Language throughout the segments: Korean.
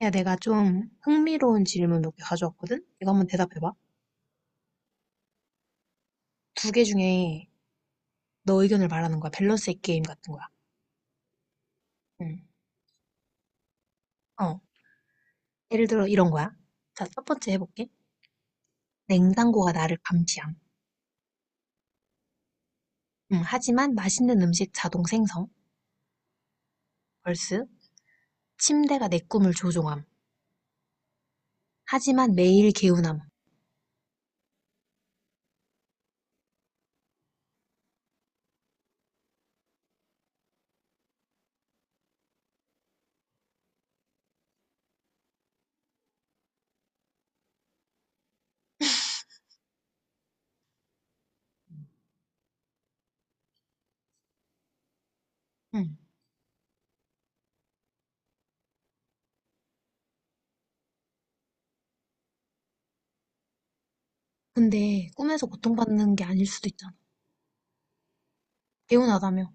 야, 내가 좀 흥미로운 질문 몇 개 가져왔거든? 이거 한번 대답해봐. 두 개 중에 너 의견을 말하는 거야. 밸런스의 게임 같은 거야. 응. 어. 예를 들어 이런 거야. 자, 첫 번째 해볼게. 냉장고가 나를 감시함. 응, 하지만 맛있는 음식 자동 생성. 벌스. 침대가 내 꿈을 조종함. 하지만 매일 개운함. 응. 근데 꿈에서 고통받는 게 아닐 수도 있잖아. 개운하다며.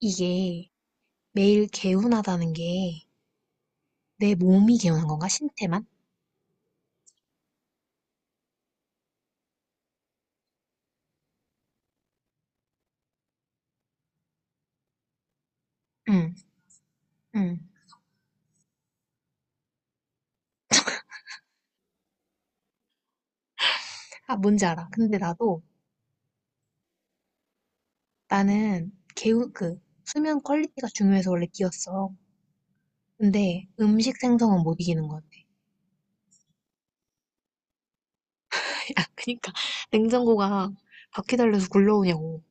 이게 매일 개운하다는 게 내 몸이 개운한 건가? 신체만? 응. 응. 아, 뭔지 알아. 근데 나도, 나는 개운, 그, 수면 퀄리티가 중요해서 원래 끼웠어. 근데 음식 생성은 못 이기는 것 같아. 아, 그니까, 냉장고가 바퀴 달려서 굴러오냐고.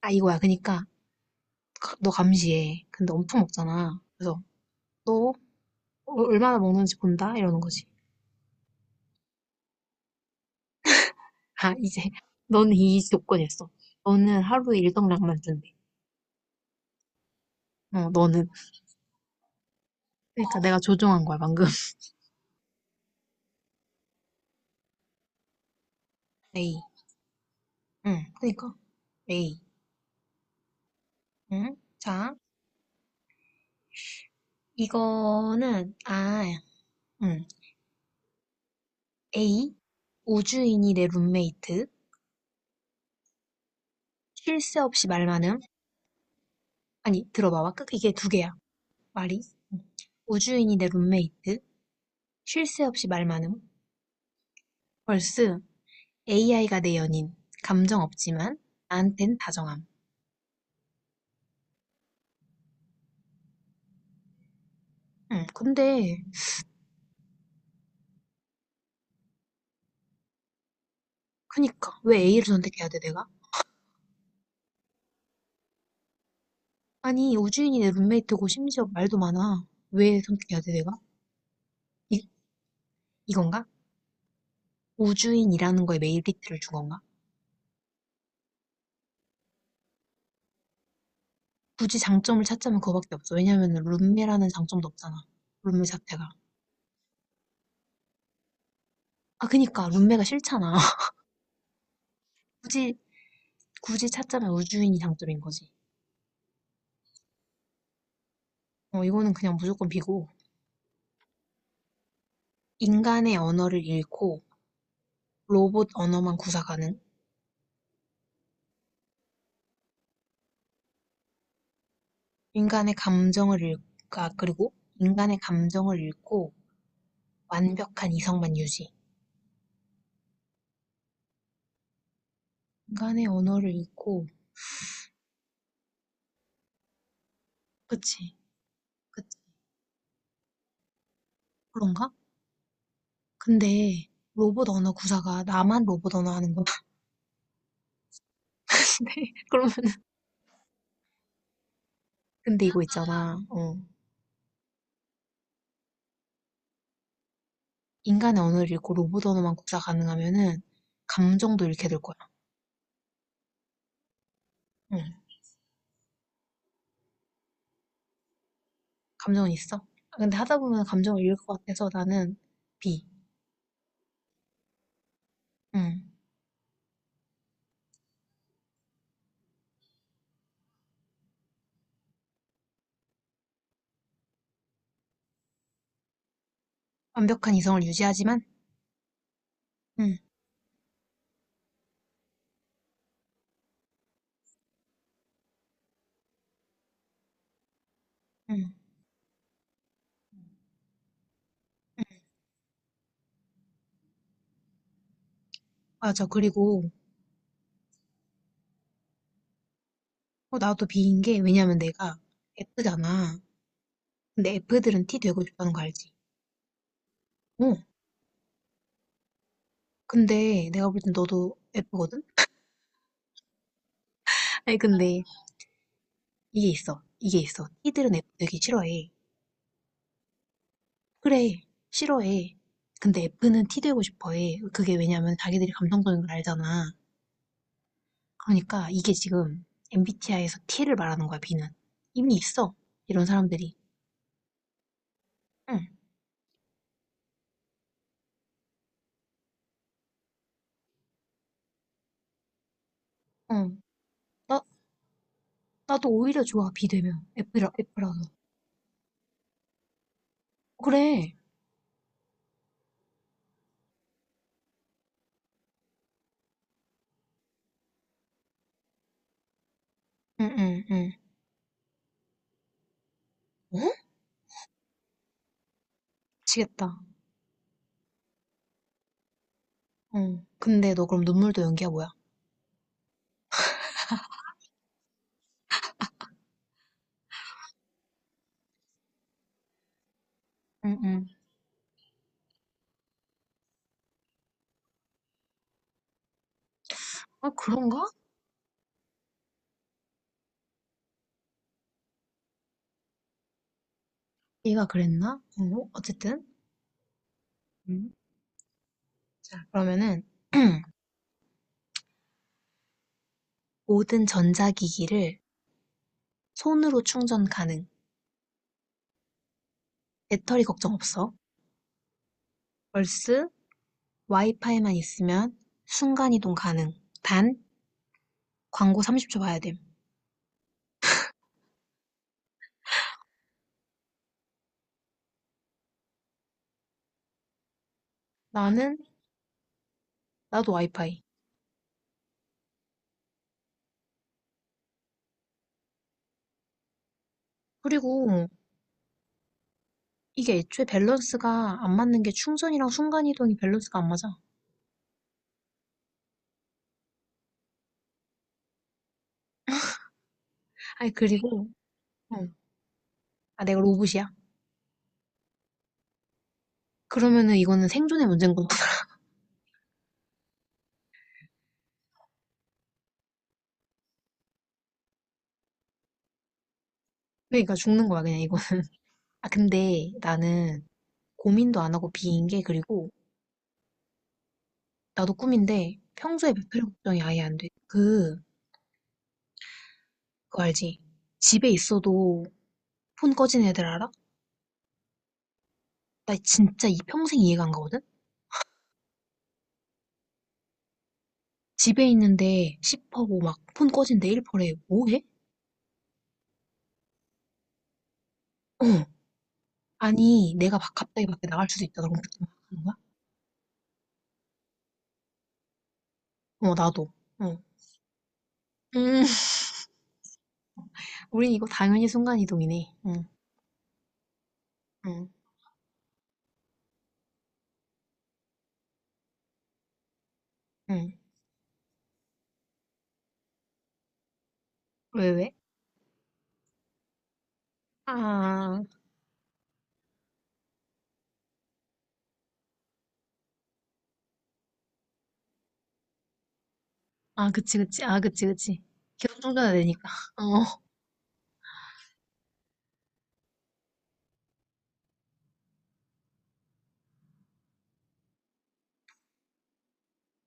아, 이거야. 그니까, 너 감시해. 근데 엄청 먹잖아. 그래서, 너 얼마나 먹는지 본다? 이러는 거지. 아, 이제, 너는 이 조건이었어. 너는 하루에 일정량만 준대. 어, 너는. 그니까 내가 조종한 거야, 방금. 에이. 응, 그니까. 에이. 응? 자. 이거는, 아, 음. A. 우주인이 내 룸메이트. 쉴 새 없이 말만음. 아니, 들어봐봐. 끝, 이게 두 개야. 말이. 음. 우주인이 내 룸메이트. 쉴 새 없이 말만음. 벌스. AI가 내 연인. 감정 없지만, 나한텐 다정함. 근데, 그니까. 왜 A를 선택해야 돼, 내가? 아니, 우주인이 내 룸메이트고 심지어 말도 많아. 왜 선택해야 돼, 내가? 이, 이건가? 우주인이라는 거에 메리트를 준 건가? 굳이 장점을 찾자면 그거밖에 없어. 왜냐면은 룸메라는 장점도 없잖아. 룸메 자체가. 아, 그니까 룸메가 싫잖아. 굳이 굳이 찾자면 우주인이 장점인 거지. 어, 이거는 그냥 무조건 비고 인간의 언어를 잃고 로봇 언어만 구사 가능. 인간의 감정을 잃, 아, 그리고 인간의 감정을 잃고 완벽한 이성만 유지. 인간의 언어를 잃고 그치, 그치. 그런가? 근데 로봇 언어 구사가 나만 로봇 언어 하는 거같은데 그러면 근데 이거 있잖아. 어. 인간의 언어를 잃고 로봇 언어만 구사 가능하면은 감정도 잃게 될 거야. 응. 감정은 있어. 아, 근데 하다 보면 감정을 잃을 것 같아서 나는 B. 응. 완벽한 이성을 유지하지만, 응, 응, 응. 맞아. 그리고 어, 나도 B인 게 왜냐면 내가 F잖아. 근데 F들은 T 되고 싶다는 거 알지? 어. 근데 내가 볼 땐 너도 F거든? 아니 근데 이게 있어. 이게 있어. T들은 F 되기 싫어해. 그래, 싫어해. 근데 F는 T 되고 싶어해. 그게 왜냐면 자기들이 감성적인 걸 알잖아. 그러니까 이게 지금 MBTI에서 T를 말하는 거야, B는. 이미 있어. 이런 사람들이. 응, 응. 나, 나도 오히려 좋아, B 되면. F라서. 그래. 응, 응, 응. 어? 미치겠다. 응. 근데 너 그럼 눈물도 연기야, 뭐야? 응, 응. 아, 그런가? 얘가 그랬나? 어, 어쨌든. 응. 자, 그러면은 모든 전자기기를 손으로 충전 가능. 배터리 걱정 없어. 얼스 와이파이만 있으면 순간이동 가능. 단 광고 30초 봐야 됨. 나는 나도 와이파이. 그리고 이게 애초에 밸런스가 안 맞는 게 충전이랑 순간이동이 밸런스가 안 맞아. 아니 그리고 어, 아 내가 로봇이야. 그러면은 이거는 생존의 문제인 거야. 그러니까 죽는 거야 그냥 이거. 아 근데 나는 고민도 안 하고 비인 게 그리고 나도 꿈인데 평소에 배터리 걱정이 아예 안 돼. 그 그거 알지? 집에 있어도 폰 꺼진 애들 알아? 나 진짜 이 평생 이해가 안 가거든? 집에 있는데 십퍼고 막 폰 꺼진데 퍼래 뭐해? 어. 아니, 내가 막 갑자기 밖에 나갈 수도 있다. 그럼 그때 막 하는 거야? 어, 나도. 어. 음, 우린 이거 당연히 순간이동이네. 응, 응, 응. 왜, 왜? 아, 아, 그치, 그치. 아, 그치, 그치. 계속 충전해야 되니까. 어.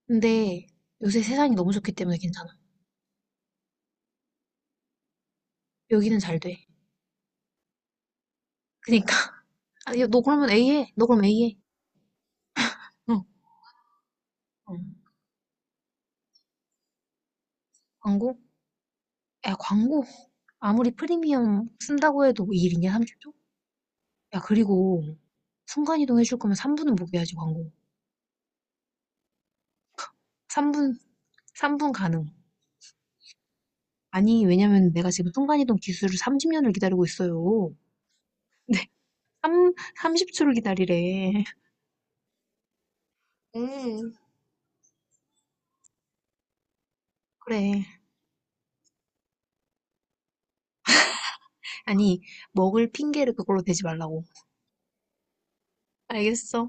근데 요새 세상이 너무 좋기 때문에 괜찮아. 여기는 잘 돼. 그니까. 아, 니 너 그러면 A해. 너 그럼 A해. 어. 응. 광고? 야, 광고. 아무리 프리미엄 쓴다고 해도 이 일이냐, 30초? 야, 그리고 순간이동 해줄 거면 3분은 먹여야지, 광고. 3분, 삼분 가능. 아니, 왜냐면 내가 지금 순간이동 기술을 30년을 기다리고 있어요. 3, 삼0초를 기다리래. 음, 그래. 아니, 먹을 핑계를 그걸로 대지 말라고. 알겠어.